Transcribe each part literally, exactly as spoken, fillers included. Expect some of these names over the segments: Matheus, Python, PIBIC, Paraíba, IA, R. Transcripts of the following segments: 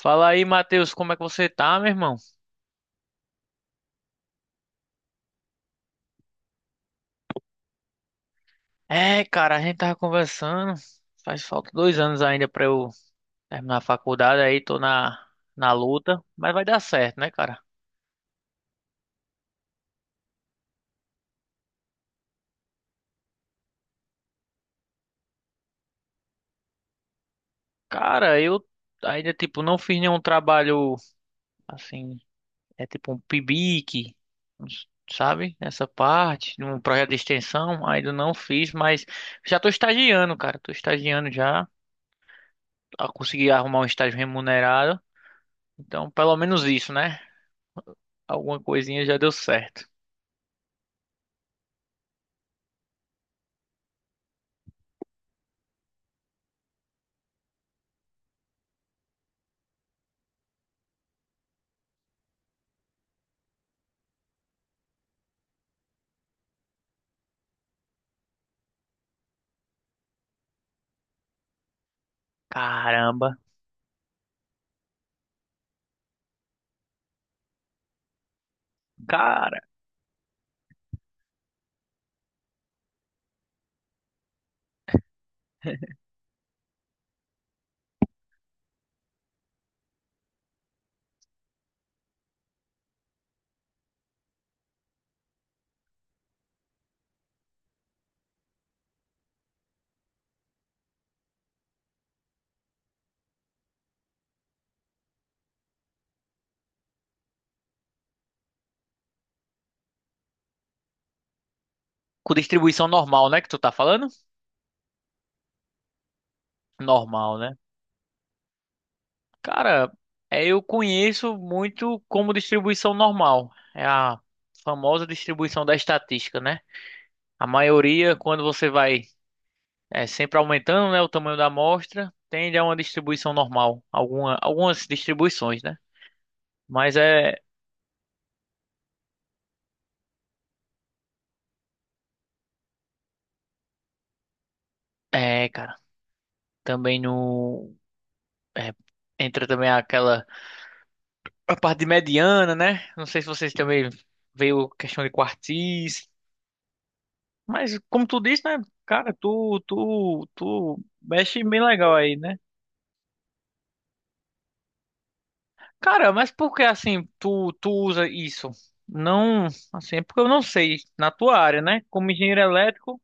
Fala aí, Matheus, como é que você tá, meu irmão? É, cara, a gente tava conversando. Faz falta dois anos ainda pra eu terminar a faculdade, aí tô na, na luta, mas vai dar certo, né, cara? Cara, eu ainda, tipo, não fiz nenhum trabalho assim, é tipo um P I B I C, uns- sabe? Nessa parte, num projeto de extensão, ainda não fiz, mas já tô estagiando, cara. Tô estagiando já. ah, Consegui arrumar um estágio remunerado. Então, pelo menos isso, né? Alguma coisinha já deu certo. Caramba. Cara, com distribuição normal, né, que tu tá falando? Normal, né? Cara, é, eu conheço muito como distribuição normal. É a famosa distribuição da estatística, né? A maioria, quando você vai é, sempre aumentando, né, o tamanho da amostra, tende a uma distribuição normal. Alguma, algumas distribuições, né? Mas é, é, cara, também no, é, entra também aquela a parte de mediana, né? Não sei se vocês também veio questão de quartis, mas como tu disse, né? Cara, tu, tu, tu mexe bem legal aí, né? Cara, mas por que assim tu, tu usa isso? Não, assim, é porque eu não sei na tua área, né? Como engenheiro elétrico,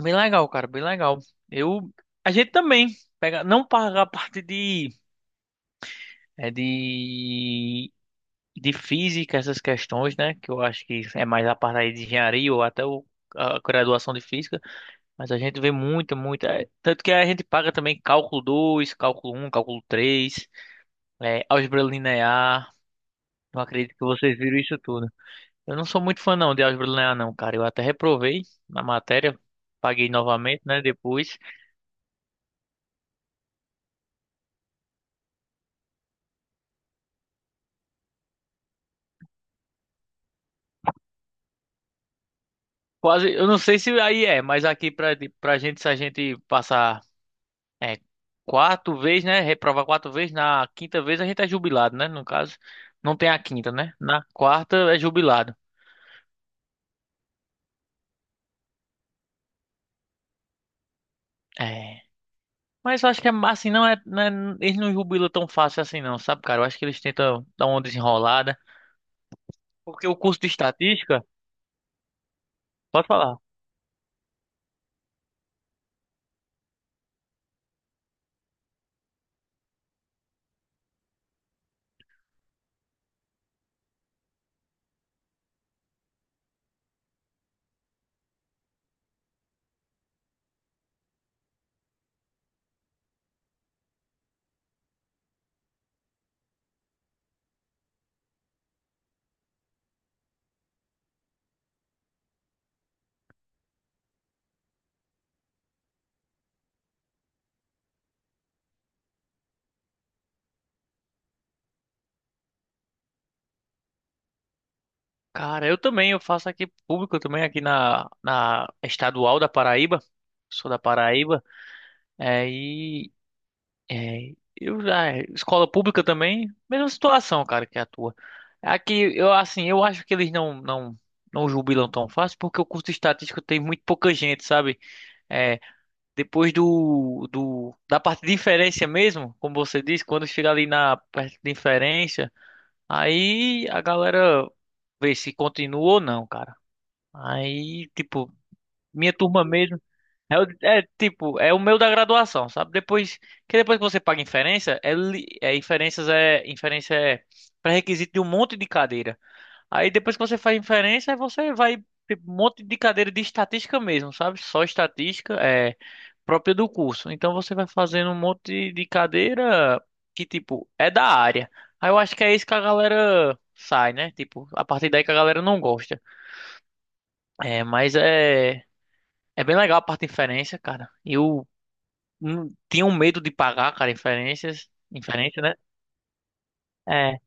bem legal, cara, bem legal. Eu, a gente também pega, não paga a parte de, é de de física, essas questões, né? Que eu acho que é mais a parte aí de engenharia ou até o, a graduação de física. Mas a gente vê muita, muita. É, tanto que a gente paga também cálculo dois, cálculo um, cálculo três, é, álgebra linear. Não acredito que vocês viram isso tudo. Eu não sou muito fã não de álgebra linear, não, cara. Eu até reprovei na matéria. Paguei novamente, né? Depois. Quase. Eu não sei se aí é, mas aqui pra, pra gente, se a gente passar É, quatro vezes, né? Reprovar quatro vezes. Na quinta vez a gente é jubilado, né? No caso, não tem a quinta, né? Na quarta é jubilado. É. Mas eu acho que é assim, não é, não é- Eles não jubilam tão fácil assim, não, sabe, cara? Eu acho que eles tentam dar uma desenrolada. Porque o curso de estatística, pode falar. Cara, eu também, eu faço aqui público, também aqui na, na estadual da Paraíba. Sou da Paraíba. É, É, eu já, é, escola pública também, mesma situação, cara, que a tua. Aqui, eu assim, eu acho que eles não, não, não jubilam tão fácil, porque o curso de estatística tem muito pouca gente, sabe? É, depois do, do, da parte de inferência mesmo, como você disse, quando chega ali na parte de inferência, aí a galera vê se continua ou não, cara. Aí, tipo, minha turma mesmo. É, o- é, tipo, é o meu da graduação, sabe? Depois que depois que você paga inferência, é, li- é inferências é inferência é pré-requisito de um monte de cadeira. Aí depois que você faz inferência, aí você vai tipo, um monte de cadeira de estatística mesmo, sabe? Só estatística é própria do curso. Então você vai fazendo um monte de cadeira que tipo é da área. Aí eu acho que é isso que a galera sai, né? Tipo, a partir daí que a galera não gosta. É, mas é É bem legal a parte de inferência, cara. E o hum, tinham medo de pagar, cara, inferências, inferência, né? É,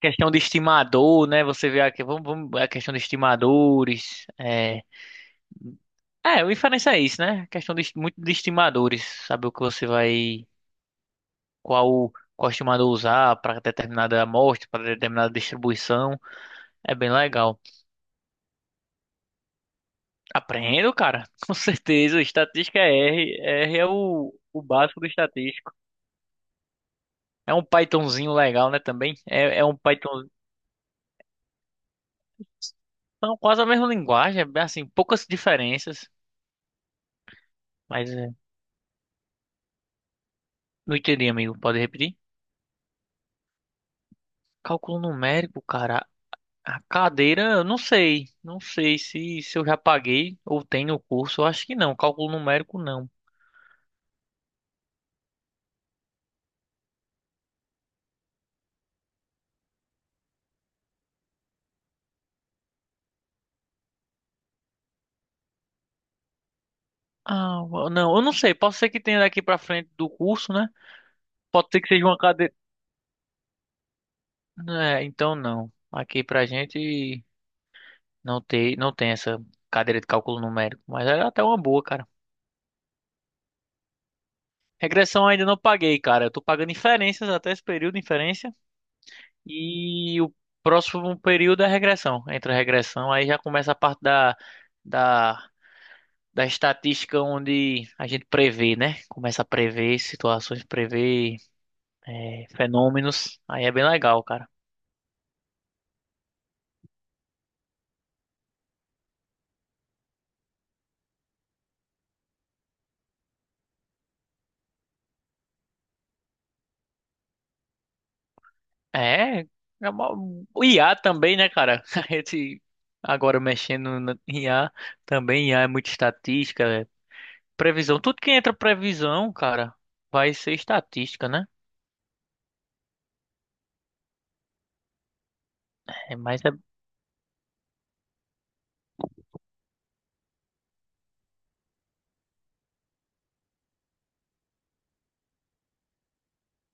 questão de estimador, né? Você vê aqui, vamos, vamos, é a questão de estimadores, é, é, o inferência é isso, né? Questão de, est- muito de estimadores, saber o que você vai, qual, qual estimador usar para determinada amostra, para determinada distribuição, é bem legal. Aprendo, cara, com certeza, estatística é R, R é o, o básico do estatístico. É um Pythonzinho legal, né, também? É, é um Python São quase a mesma linguagem, é assim, poucas diferenças. Mas é, não entendi, amigo. Pode repetir? Cálculo numérico, cara. A cadeira, eu não sei. Não sei se, se eu já paguei ou tem no curso. Eu acho que não. Cálculo numérico, não. Ah, eu- não, eu não sei. Pode ser que tenha daqui pra frente do curso, né? Pode ser que seja uma cadeira. É, então não. Aqui pra gente não tem, não tem essa cadeira de cálculo numérico. Mas é até uma boa, cara. Regressão ainda não paguei, cara. Eu tô pagando inferências até esse período, inferência. E o próximo período é a regressão. Entra a regressão, aí já começa a parte da, da, da estatística onde a gente prevê, né? Começa a prever situações, prever é, fenômenos. Aí é bem legal, cara. É, é uma- o I A também, né, cara? A gente agora mexendo no I A também, I A é muito estatística, é previsão. Tudo que entra previsão, cara, vai ser estatística, né? É, mas é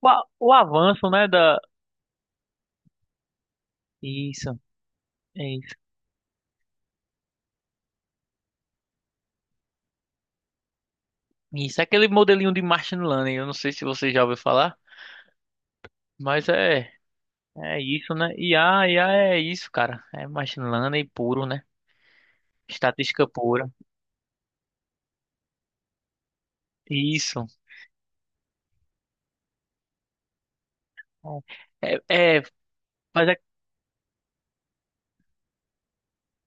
o a- o avanço, né, da... Isso. É isso. Isso é aquele modelinho de machine learning. Eu não sei se você já ouviu falar, mas é é isso, né? I a, I A, a é isso, cara. É machine learning puro, né? Estatística pura. Isso. É, é, é mas é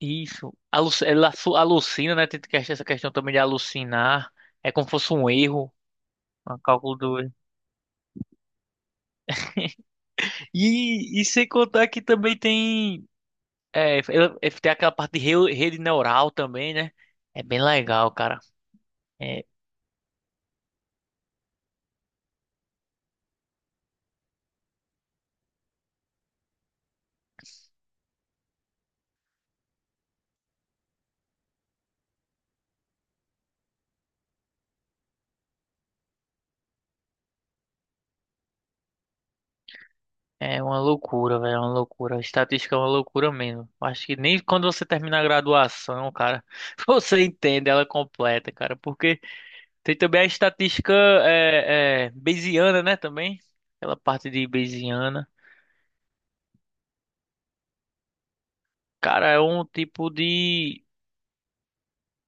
isso. Aluc- Ela su- alucina, né? Tem que- essa questão também de alucinar. É como se fosse um erro, um cálculo do erro. E, e sem contar que também tem é, ela- é, tem aquela parte de re- rede neural também, né? É bem legal, cara. É, É uma loucura, velho, é uma loucura. A estatística é uma loucura mesmo. Acho que nem quando você termina a graduação, cara, você entende ela completa, cara. Porque tem também a estatística é, é, Bayesiana, né, também. Aquela parte de Bayesiana. Cara, é um tipo de...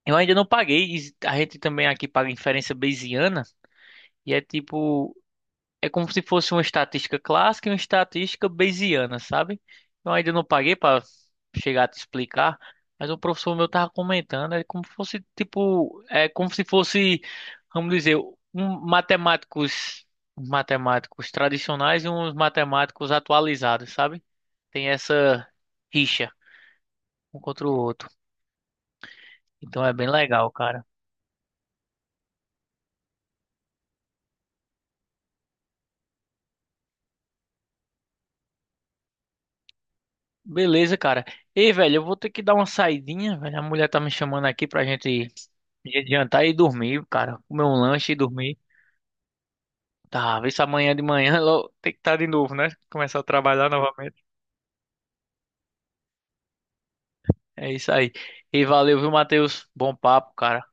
Eu ainda não paguei. A gente também aqui paga inferência Bayesiana. E é tipo... É como se fosse uma estatística clássica e uma estatística bayesiana, sabe? Eu ainda não paguei para chegar a te explicar, mas o professor meu tava comentando, é como se fosse tipo, é como se fosse, vamos dizer, um matemáticos, matemáticos tradicionais e uns matemáticos atualizados, sabe? Tem essa rixa um contra o outro. Então é bem legal, cara. Beleza, cara. Ei, velho, eu vou ter que dar uma saidinha, velho. A mulher tá me chamando aqui pra gente ir jantar e dormir, cara. Comer um lanche e dormir. Tá, vê se amanhã de manhã logo tem que estar de novo, né? Começar a trabalhar novamente. É isso aí. E valeu, viu, Matheus? Bom papo, cara.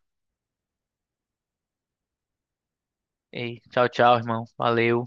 Ei, tchau, tchau, irmão. Valeu.